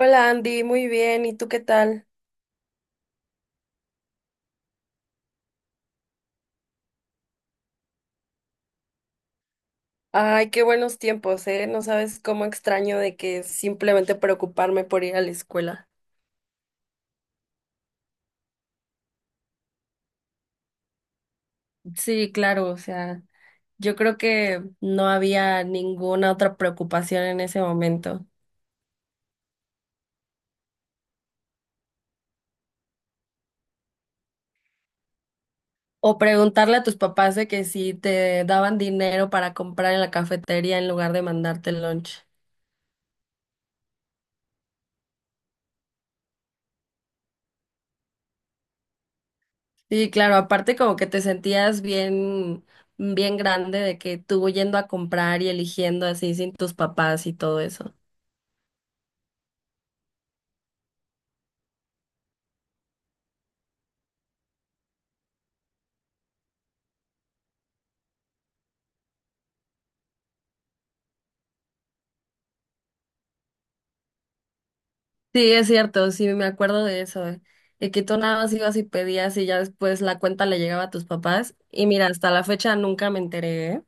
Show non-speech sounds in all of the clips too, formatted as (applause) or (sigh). Hola Andy, muy bien, ¿y tú qué tal? Ay, qué buenos tiempos, ¿eh? No sabes cómo extraño de que simplemente preocuparme por ir a la escuela. Sí, claro, o sea, yo creo que no había ninguna otra preocupación en ese momento. O preguntarle a tus papás de que si te daban dinero para comprar en la cafetería en lugar de mandarte el lunch. Sí, claro, aparte como que te sentías bien, bien grande de que tú yendo a comprar y eligiendo así sin tus papás y todo eso. Sí, es cierto, sí, me acuerdo de eso, de que tú nada más ibas y pedías y ya después la cuenta le llegaba a tus papás. Y mira, hasta la fecha nunca me enteré, ¿eh?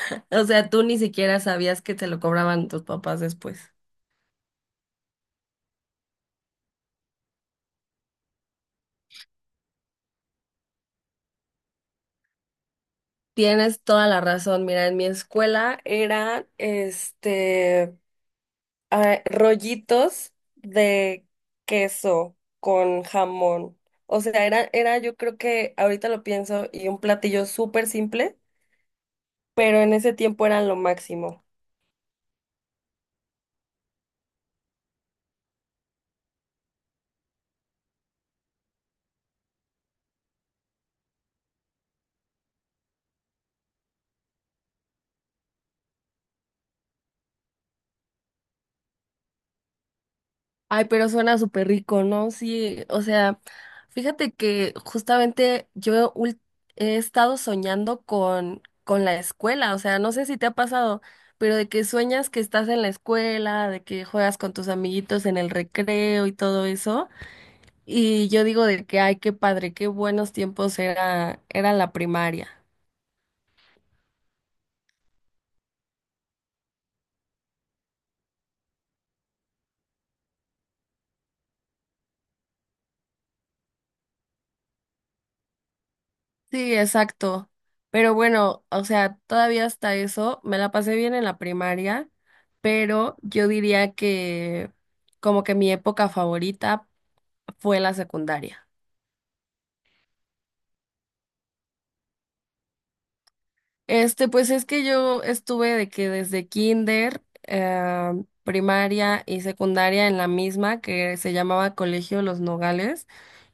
(laughs) O sea, tú ni siquiera sabías que te lo cobraban tus papás después. Tienes toda la razón. Mira, en mi escuela eran, ah, rollitos de queso con jamón. O sea, era, yo creo que ahorita lo pienso, y un platillo súper simple, pero en ese tiempo eran lo máximo. Ay, pero suena súper rico, ¿no? Sí, o sea, fíjate que justamente yo he estado soñando con la escuela, o sea, no sé si te ha pasado, pero de que sueñas que estás en la escuela, de que juegas con tus amiguitos en el recreo y todo eso, y yo digo de que, ay, qué padre, qué buenos tiempos era la primaria. Sí, exacto. Pero bueno, o sea, todavía hasta eso, me la pasé bien en la primaria, pero yo diría que como que mi época favorita fue la secundaria. Pues es que yo estuve de que desde kinder, primaria y secundaria en la misma que se llamaba Colegio Los Nogales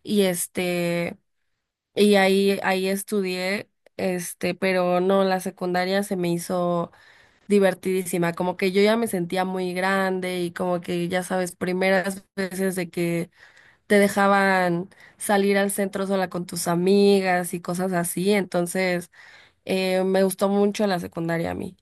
y este y ahí estudié, este, pero no, la secundaria se me hizo divertidísima, como que yo ya me sentía muy grande y como que ya sabes, primeras veces de que te dejaban salir al centro sola con tus amigas y cosas así, entonces me gustó mucho la secundaria a mí.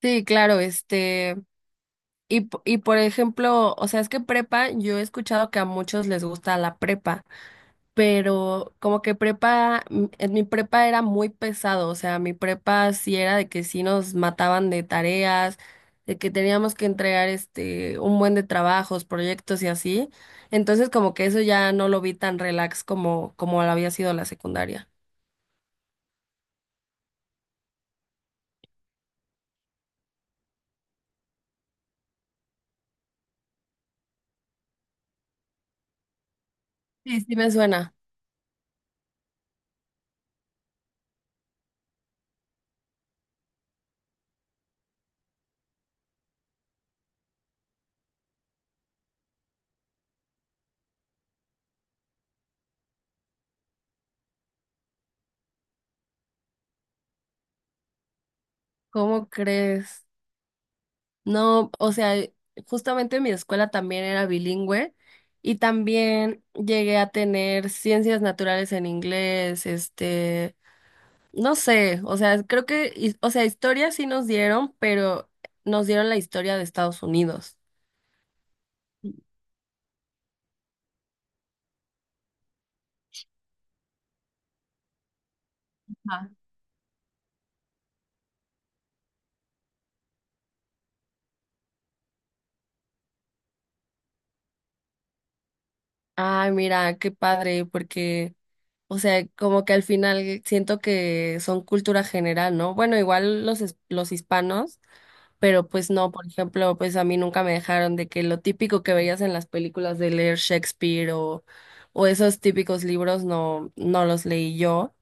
Sí, claro, este, y por ejemplo, o sea, es que prepa, yo he escuchado que a muchos les gusta la prepa, pero como que prepa, en mi prepa era muy pesado, o sea, mi prepa sí era de que sí nos mataban de tareas, de que teníamos que entregar este un buen de trabajos, proyectos y así. Entonces como que eso ya no lo vi tan relax como lo había sido la secundaria. Sí, sí me suena. ¿Cómo crees? No, o sea, justamente mi escuela también era bilingüe. Y también llegué a tener ciencias naturales en inglés, este, no sé, o sea, creo que, o sea, historia sí nos dieron, pero nos dieron la historia de Estados Unidos. Ah, ay, mira, qué padre, porque, o sea, como que al final siento que son cultura general, ¿no? Bueno, igual los, los hispanos, pero pues no, por ejemplo, pues a mí nunca me dejaron de que lo típico que veías en las películas de leer Shakespeare o esos típicos libros no, no los leí yo.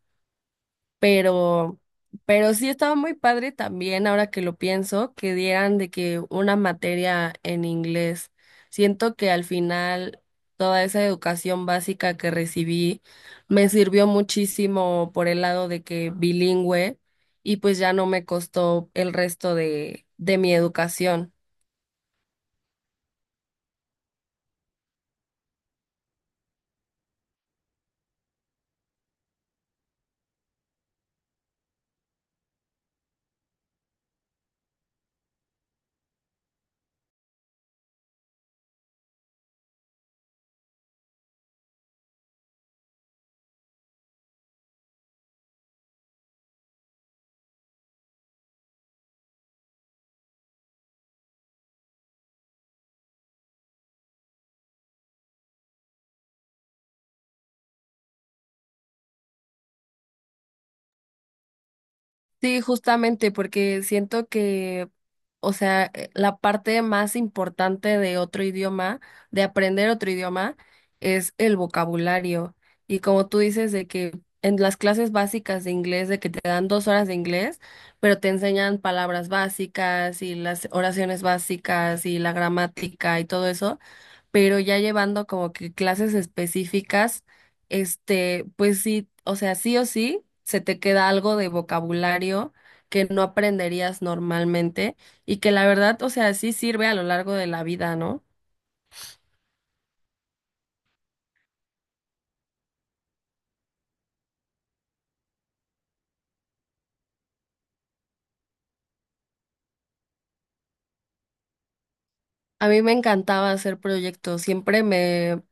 Pero, pero sí estaba muy padre también, ahora que lo pienso, que dieran de que una materia en inglés. Siento que al final toda esa educación básica que recibí me sirvió muchísimo por el lado de que bilingüe y pues ya no me costó el resto de mi educación. Sí, justamente porque siento que, o sea, la parte más importante de otro idioma, de aprender otro idioma, es el vocabulario. Y como tú dices, de que en las clases básicas de inglés, de que te dan dos horas de inglés, pero te enseñan palabras básicas y las oraciones básicas y la gramática y todo eso, pero ya llevando como que clases específicas, este, pues sí, o sea, sí o sí, se te queda algo de vocabulario que no aprenderías normalmente y que la verdad, o sea, sí sirve a lo largo de la vida, ¿no? A mí me encantaba hacer proyectos, siempre me...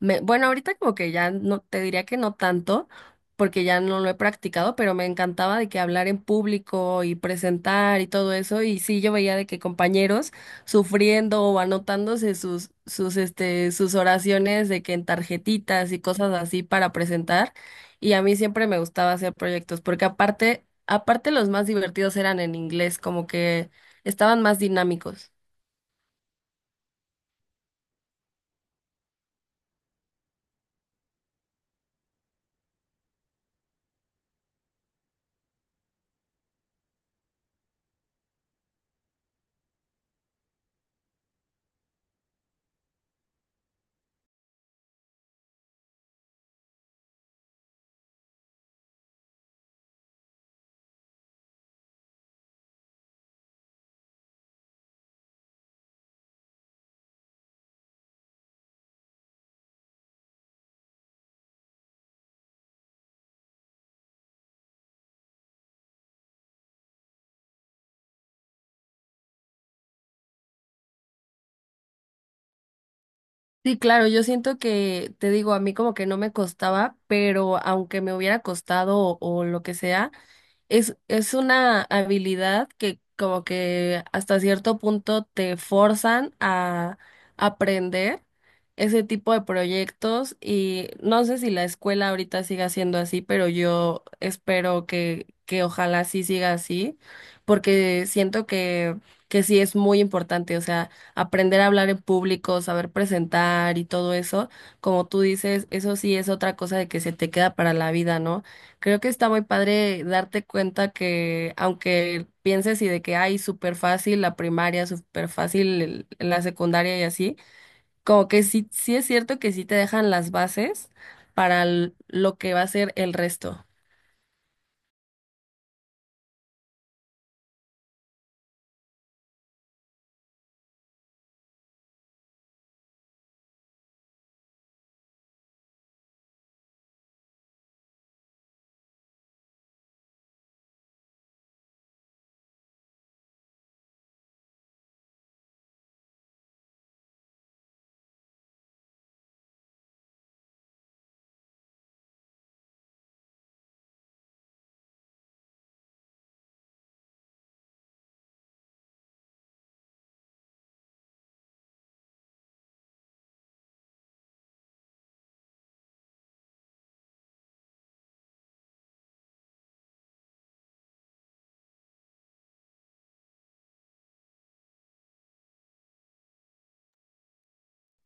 Me, bueno, ahorita como que ya no, te diría que no tanto, porque ya no lo he practicado, pero me encantaba de que hablar en público y presentar y todo eso. Y sí, yo veía de que compañeros sufriendo o anotándose sus oraciones de que en tarjetitas y cosas así para presentar. Y a mí siempre me gustaba hacer proyectos, porque aparte los más divertidos eran en inglés, como que estaban más dinámicos. Sí, claro, yo siento que, te digo, a mí como que no me costaba, pero aunque me hubiera costado o lo que sea, es una habilidad que como que hasta cierto punto te forzan a aprender ese tipo de proyectos y no sé si la escuela ahorita siga siendo así, pero yo espero que ojalá sí siga así, porque siento que sí es muy importante, o sea, aprender a hablar en público, saber presentar y todo eso, como tú dices, eso sí es otra cosa de que se te queda para la vida, ¿no? Creo que está muy padre darte cuenta que aunque pienses y de que hay súper fácil la primaria, súper fácil la secundaria y así, como que sí, sí es cierto que sí te dejan las bases para lo que va a ser el resto.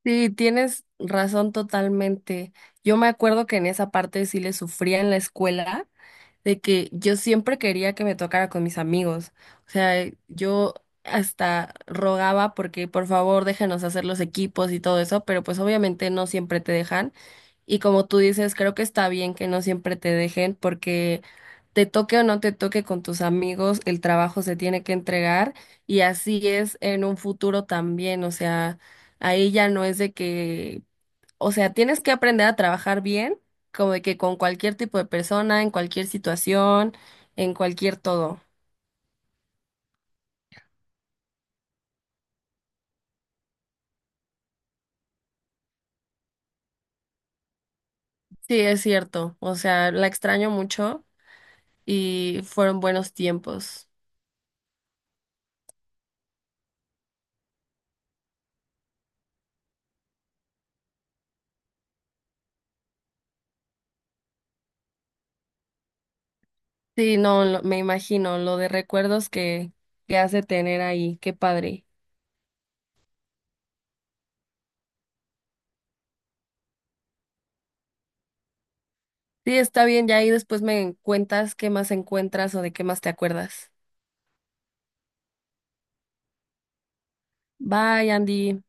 Sí, tienes razón totalmente. Yo me acuerdo que en esa parte sí le sufría en la escuela de que yo siempre quería que me tocara con mis amigos. O sea, yo hasta rogaba porque por favor déjanos hacer los equipos y todo eso, pero pues obviamente no siempre te dejan. Y como tú dices, creo que está bien que no siempre te dejen porque te toque o no te toque con tus amigos, el trabajo se tiene que entregar y así es en un futuro también, o sea, ahí ya no es de que, o sea, tienes que aprender a trabajar bien, como de que con cualquier tipo de persona, en cualquier situación, en cualquier todo. Sí, es cierto. O sea, la extraño mucho y fueron buenos tiempos. Sí, no, me imagino lo de recuerdos que hace tener ahí. Qué padre. Sí, está bien, ya ahí después me cuentas qué más encuentras o de qué más te acuerdas. Bye, Andy.